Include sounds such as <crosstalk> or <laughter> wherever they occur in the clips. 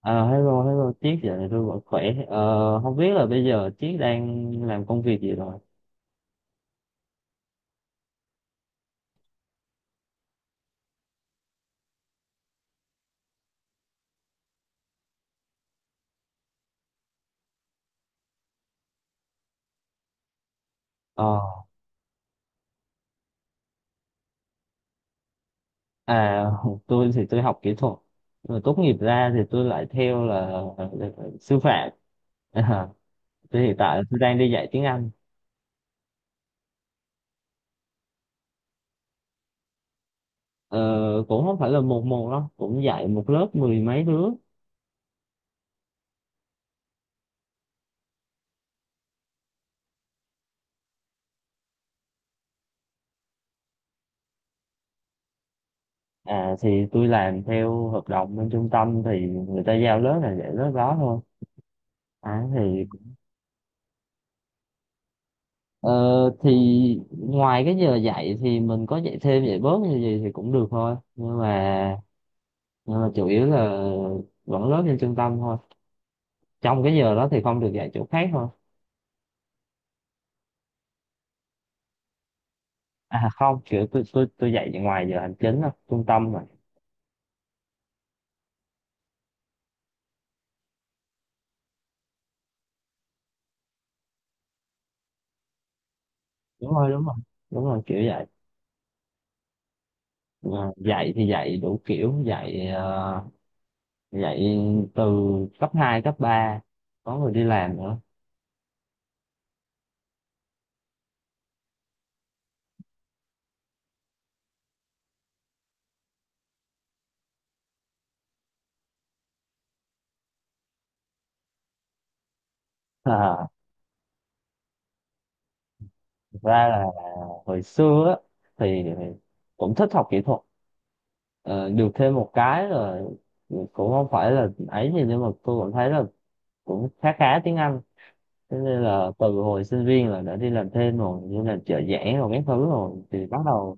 Ờ, hello, hello, Chiết giờ này tôi vẫn khỏe. Ờ, Không biết là bây giờ Chiết đang làm công việc gì rồi? Ờ, à, <laughs> tôi học kỹ thuật. Rồi tốt nghiệp ra thì tôi lại theo là sư phạm. <laughs> À, thì hiện tại là tôi đang đi dạy tiếng Anh. Ờ, Cũng không phải là một một đâu, cũng dạy một lớp mười mấy đứa. Thì tôi làm theo hợp đồng bên trung tâm thì người ta giao lớp là dạy lớp đó thôi. À, thì Ờ, thì ngoài cái giờ dạy thì mình có dạy thêm dạy bớt như gì thì cũng được thôi nhưng mà chủ yếu là vẫn lớp trên trung tâm thôi, trong cái giờ đó thì không được dạy chỗ khác thôi. Không, kiểu tôi dạy ngoài giờ hành chính thôi, trung tâm mà. Đúng rồi đúng rồi đúng rồi kiểu dạy. Mà dạy thì dạy đủ kiểu, dạy từ cấp 2 cấp ba, có người đi làm nữa. à, Thực ra là hồi xưa á, thì cũng thích học kỹ thuật. Ờ, Được thêm một cái là cũng không phải là ấy gì nhưng mà tôi cảm thấy là cũng khá khá tiếng Anh, cho nên là từ hồi sinh viên là đã đi làm thêm rồi, như là trợ giảng rồi các thứ, rồi thì bắt đầu.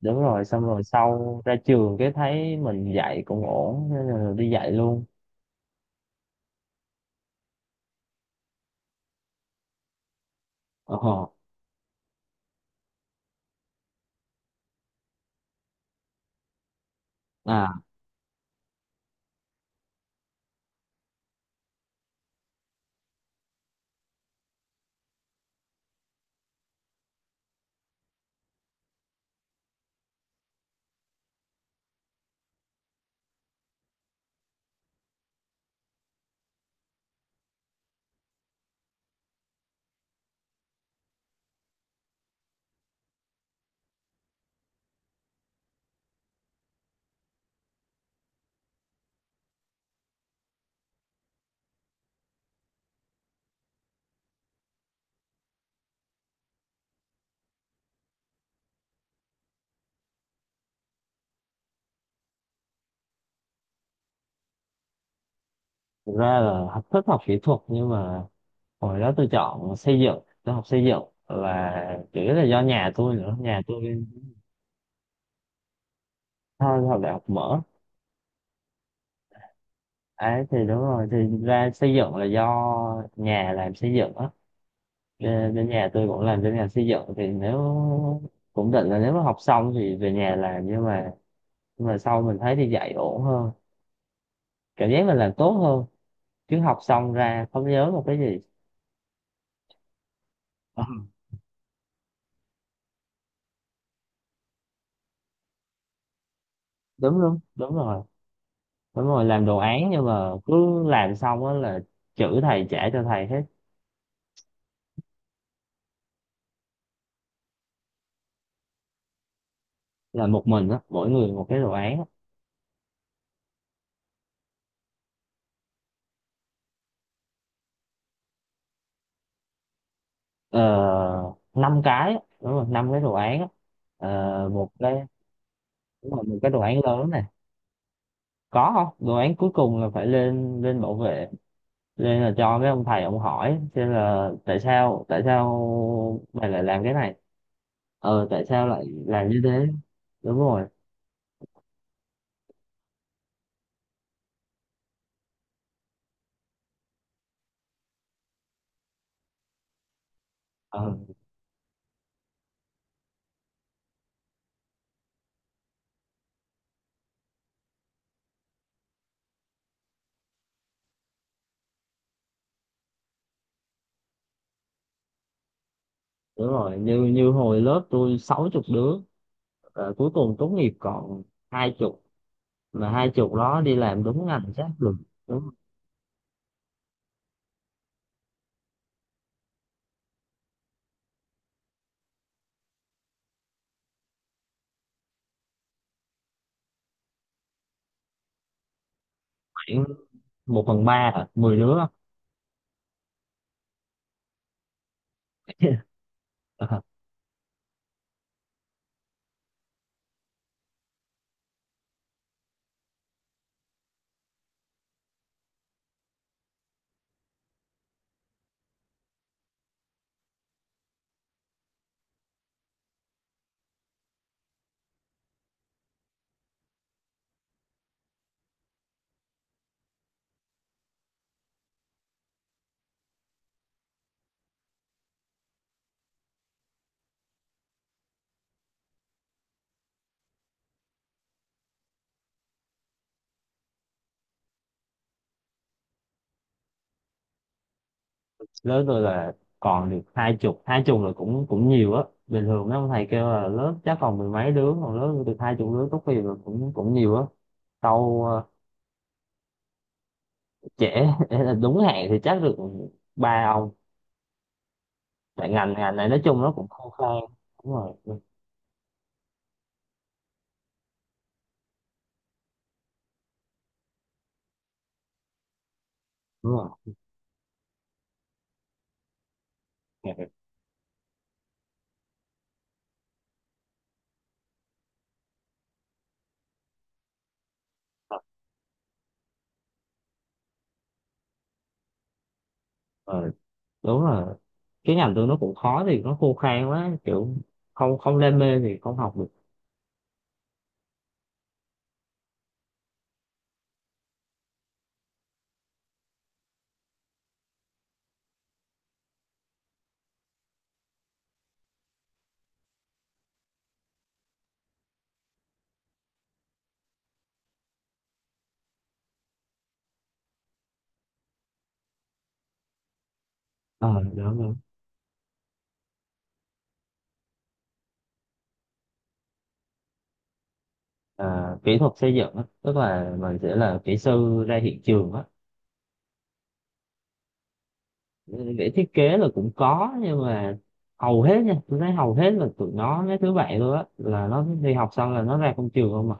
Đúng rồi, xong rồi sau ra trường cái thấy mình dạy cũng ổn cho nên là đi dạy luôn. ờ à thực ra là thích học kỹ thuật nhưng mà hồi đó tôi chọn xây dựng, tôi học xây dựng là chủ yếu là do nhà tôi nữa, nhà tôi thôi học đại học mở. Ấy thì đúng rồi, thì ra xây dựng là do nhà làm xây dựng á, bên bên nhà tôi cũng làm bên ngành xây dựng. Thì nếu cũng định là nếu mà học xong thì về nhà làm, nhưng mà sau mình thấy đi dạy ổn hơn, cảm giác mình làm tốt hơn, chứ học xong ra không nhớ một cái gì. Ờ, Đúng đúng đúng rồi. Đúng rồi, làm đồ án nhưng mà cứ làm xong á là chữ thầy trả cho thầy hết. Là một mình á, mỗi người một cái đồ án á. Ờ, Năm cái á, đúng rồi, năm cái đồ án á. Một cái, đúng, là một cái đồ án lớn này, có không đồ án cuối cùng là phải lên lên bảo vệ, lên là cho mấy ông thầy ông hỏi xem là tại sao mày lại làm cái này. Ờ tại sao lại làm như thế. Đúng rồi. Ờ đúng rồi, như như hồi lớp tôi sáu chục đứa, cuối cùng tốt nghiệp còn hai chục, mà hai chục đó đi làm đúng ngành chắc được. Đúng, khoảng một phần ba, à, mười đứa. <laughs> Lớp tôi là còn được hai chục, hai chục là cũng cũng nhiều á, bình thường mấy ông thầy kêu là lớp chắc còn mười mấy đứa, còn lớp tôi được hai chục đứa tốt nghiệp là cũng cũng nhiều á. tâu ờ, Trễ. <laughs> Là đúng hạn thì chắc được ba ông. Tại ngành ngành này nói chung nó cũng khô khan. Đúng rồi. Đúng rồi. Ngành nghệ thuật. Ờ, Đúng rồi, cái ngành tôi nó cũng khó thì nó khô khan quá, kiểu không không đam mê thì không học được. Ờ, đúng, đúng. Ờ, Kỹ thuật xây dựng á, tức là mình sẽ là kỹ sư ra hiện trường á. Vẽ thiết kế là cũng có nhưng mà hầu hết nha, tôi thấy hầu hết là tụi nó mấy thứ vậy luôn á, là nó đi học xong là nó ra công trường không à.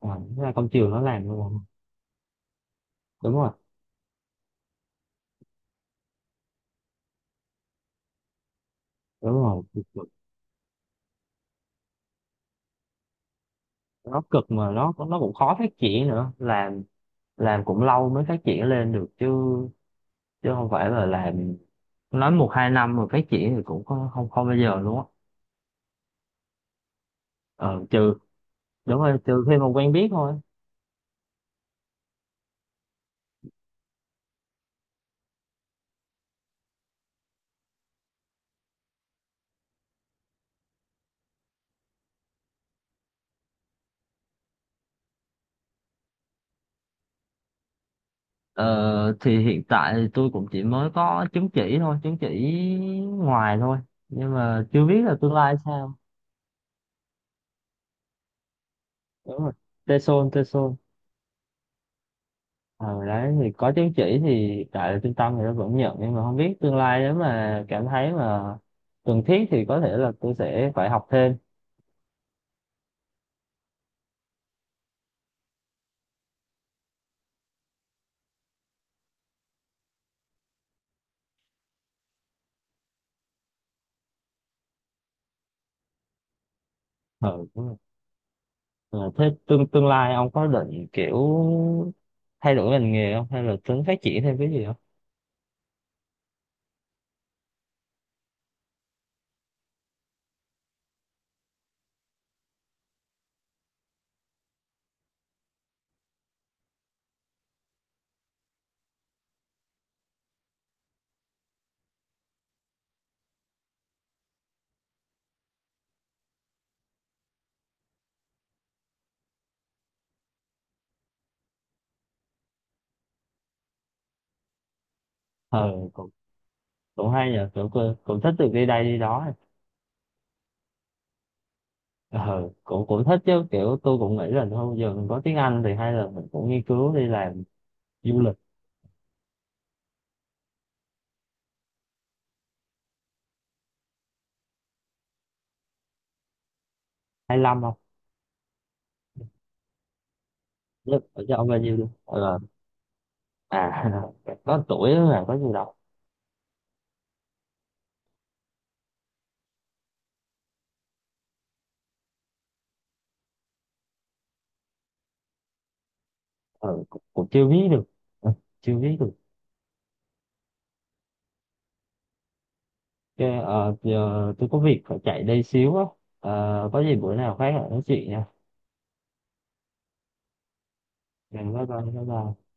À nó ra công trường nó làm luôn không. Đúng rồi. Đúng rồi, cực cực. Nó cực mà nó cũng khó phát triển nữa, làm cũng lâu mới phát triển lên được chứ, chứ không phải là làm nói một hai năm mà phát triển thì cũng không không, không bao giờ luôn á. Ờ trừ Đúng rồi, trừ khi mà quen biết thôi. Ờ, thì hiện tại thì tôi cũng chỉ mới có chứng chỉ thôi, chứng chỉ ngoài thôi. Nhưng mà chưa biết là tương lai sao. Đúng rồi. TESOL, TESOL. Ờ, Đấy thì có chứng chỉ thì tại là trung tâm thì nó vẫn nhận, nhưng mà không biết tương lai nếu mà cảm thấy mà cần thiết thì có thể là tôi sẽ phải học thêm. Ừ, đúng rồi. Ờ, Thế tương tương lai ông có định kiểu thay đổi ngành nghề không hay là tính phát triển thêm cái gì không? Ừ, cũng cũng hay nhờ, cũng cũng thích được đi đây đi đó. Ờ cũng cũng thích chứ, kiểu tôi cũng nghĩ là thôi giờ mình có tiếng Anh thì hay là mình cũng nghiên cứu đi làm du lịch. Hay lăm không. Chứ ở cho ông bao nhiêu đi. Ờ à <laughs> có tuổi là có gì đâu. Cũng chưa biết được. Ờ, Chưa biết được. Giờ tôi có việc phải chạy đây xíu á, có gì bữa nào khác lại nói chuyện nha. Bye bye. Bye bye.